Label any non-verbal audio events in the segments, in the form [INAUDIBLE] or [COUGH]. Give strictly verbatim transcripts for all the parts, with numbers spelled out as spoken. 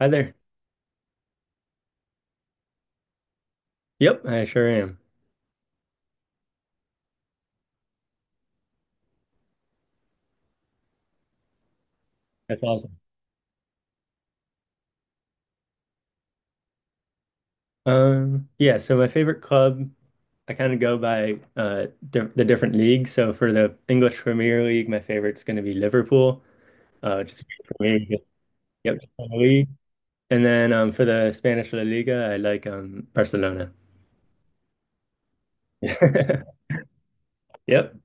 Hi there. Yep, I sure am. That's awesome. Um, yeah, so my favorite club, I kind of go by uh di the different leagues. So for the English Premier League, my favorite's going to be Liverpool. Uh, just for me, just, yep, just for the league. And then um for the Spanish La Liga, I like um Barcelona. [LAUGHS] Yep,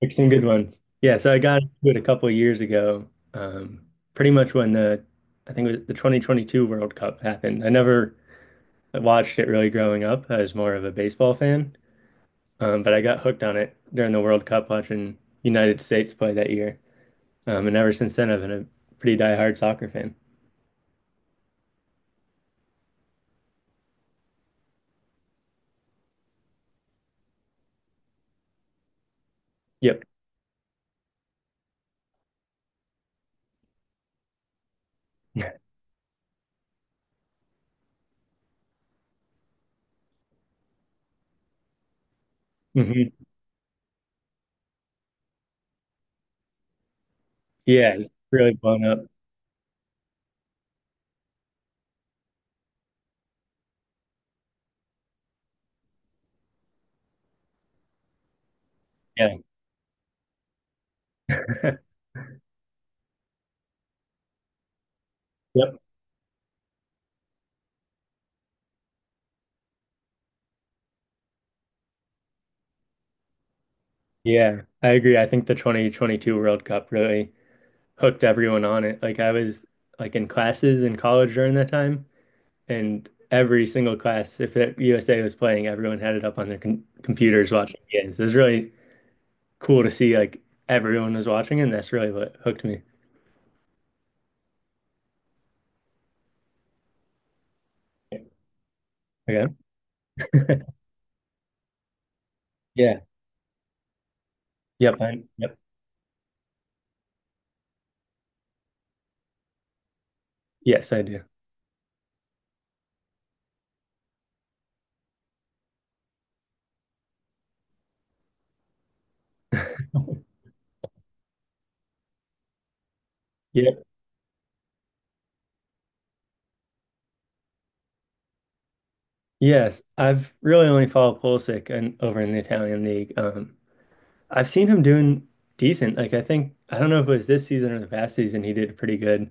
pick some good ones. Yeah, so I got into it a couple of years ago. Um, pretty much when the I think it was the twenty twenty-two World Cup happened. I never watched it really growing up. I was more of a baseball fan, um, but I got hooked on it during the World Cup watching United States play that year. Um, and ever since then, I've been a pretty diehard soccer fan. Yep. [LAUGHS] hmm Yeah, it's really blown up. Yeah. [LAUGHS] Yep. Yeah, I agree. I think the twenty twenty-two World Cup really hooked everyone on it. Like I was like in classes in college during that time, and every single class, if the U S A was playing, everyone had it up on their com computers watching games. It was really cool to see like everyone was watching, and that's really what hooked me. Okay. Yeah. Yep. I, yep. Yes, I do. Yep. Yes, I've really only followed Pulisic and over in the Italian league. Um, I've seen him doing decent. Like I think I don't know if it was this season or the past season he did pretty good.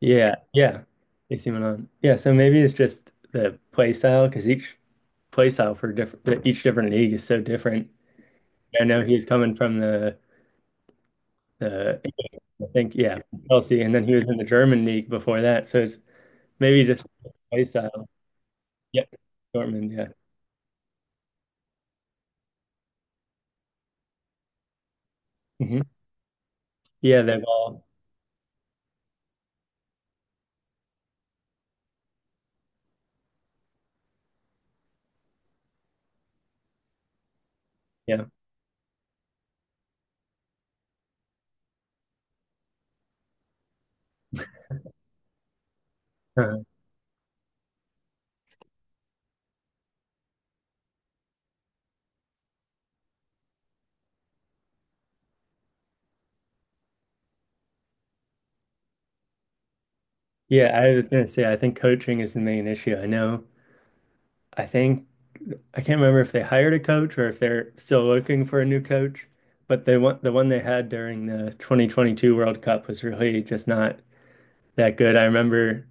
Yeah. Yeah. A C Milan. Yeah. So maybe it's just the play style because each play style for different each different league is so different. I know he's coming from the the I think, yeah, Chelsea, and then he was in the German league before that. So it's maybe just play style. Yep, Dortmund. Yeah, hmm yeah, they've all. Yeah, uh yeah. I was gonna say, I think coaching is the main issue. I know. I think I can't remember if they hired a coach or if they're still looking for a new coach. But they want the one they had during the two thousand twenty-two World Cup was really just not that good. I remember.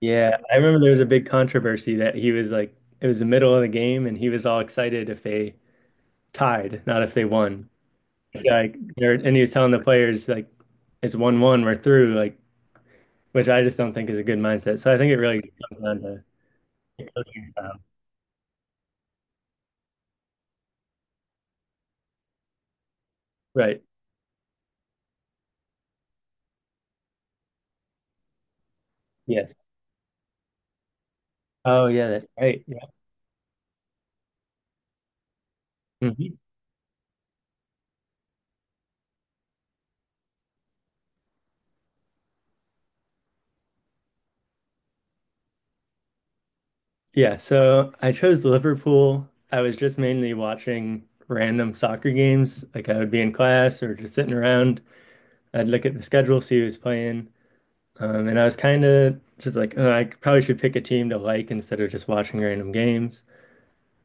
Yeah, I remember there was a big controversy that he was like, it was the middle of the game, and he was all excited if they tied, not if they won. Like, and he was telling the players like it's one one, we're through. Like, which I just don't think is a good mindset. So I think it really comes down to the coaching style, right? Yes. Oh yeah, that's right. Yeah. Mhm. Yeah. So I chose Liverpool. I was just mainly watching random soccer games. Like I would be in class or just sitting around. I'd look at the schedule, see who's playing. Um, and I was kind of just like, oh, I probably should pick a team to like instead of just watching random games.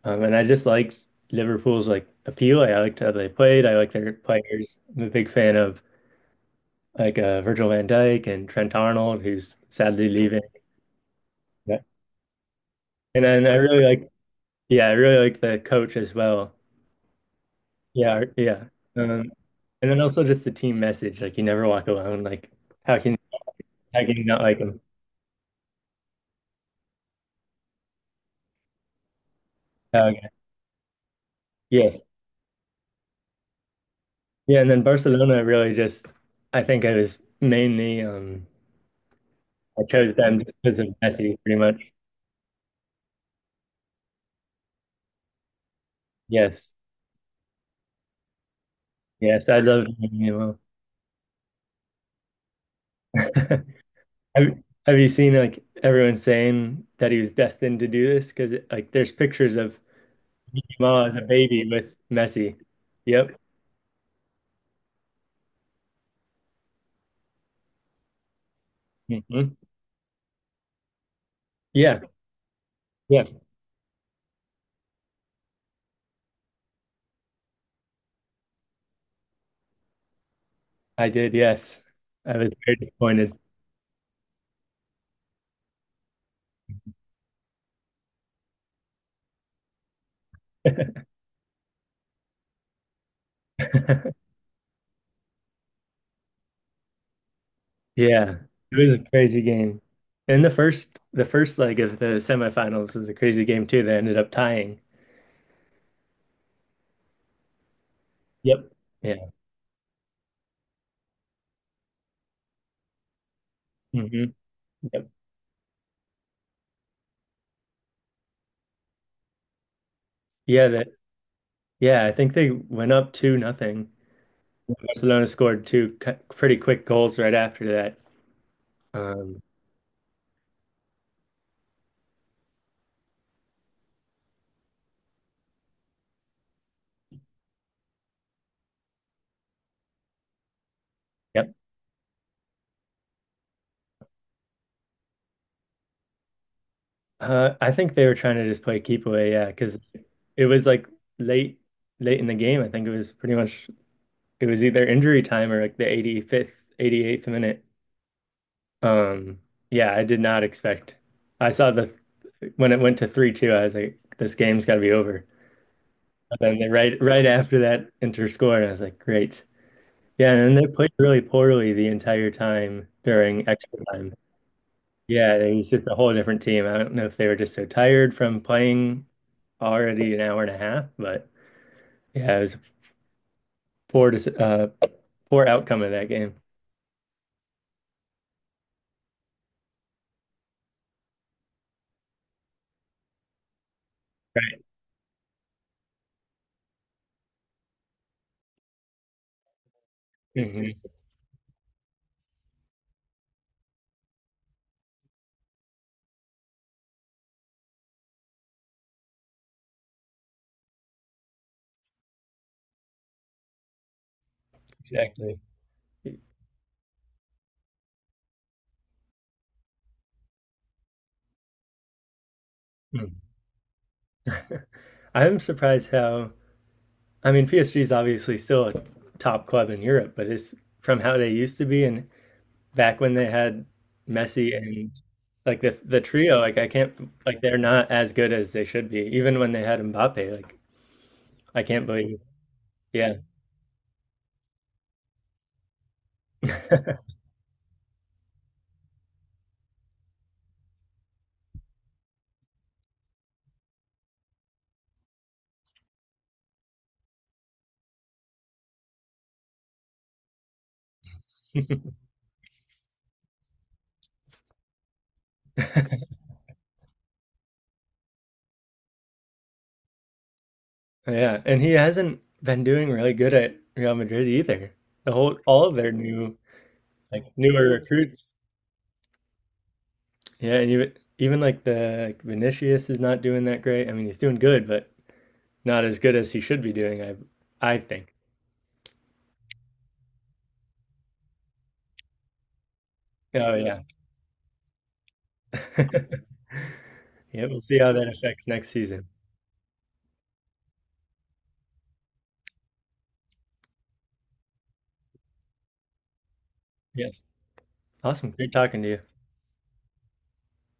Um, and I just liked Liverpool's like appeal. I liked how they played. I like their players. I'm a big fan of like uh, Virgil van Dijk and Trent Arnold, who's sadly leaving. Yeah. And then I really like, yeah, I really like the coach as well. Yeah, yeah. Um, and then also just the team message, like you never walk alone. Like how can how can you not like him? Oh, okay. Yes. Yeah, and then Barcelona really just, I think I was mainly um I chose them just because of Messi, pretty much. Yes. Yes, I love Lamine Yamal. [LAUGHS] Have, have you seen like everyone saying that he was destined to do this? Because like there's pictures of Yamal as a baby with Messi. Yep. hmm Yeah. Yeah. I did. Yes. I was very disappointed. [LAUGHS] Yeah. It was a crazy game. And the first the first leg of the semifinals was a crazy game too. They ended up tying. Yep. Yeah. hmm Yep. Yeah, that yeah, I think they went up two nothing. Barcelona scored two cu- pretty quick goals right after that. Um, Yep. Uh, I think they were trying to just play keep away, yeah, because it was like late, late in the game. I think it was pretty much it was either injury time or like the eighty-fifth, eighty-eighth minute. Um, yeah, I did not expect. I saw the when it went to three two, I was like, this game's got to be over. And then they right right after that Inter score, and I was like, great. Yeah, and then they played really poorly the entire time during extra time. Yeah, he's just a whole different team. I don't know if they were just so tired from playing already an hour and a half, but yeah, it was a poor, dec- uh, poor outcome of that game. Hmm Exactly. Mm. [LAUGHS] I'm surprised how, I mean, P S G is obviously still a top club in Europe, but it's from how they used to be and back when they had Messi and like the the trio, like I can't, like they're not as good as they should be, even when they had Mbappe. Like I can't believe, yeah. [LAUGHS] Yeah, and he hasn't been doing really good at Real Madrid either. The whole all of their new like newer recruits. Yeah, and even even like the like Vinicius is not doing that great. I mean, he's doing good, but not as good as he should be doing, I I think. Oh yeah. [LAUGHS] Yeah, we'll see how that affects next season. Yes. Awesome. Great talking to you.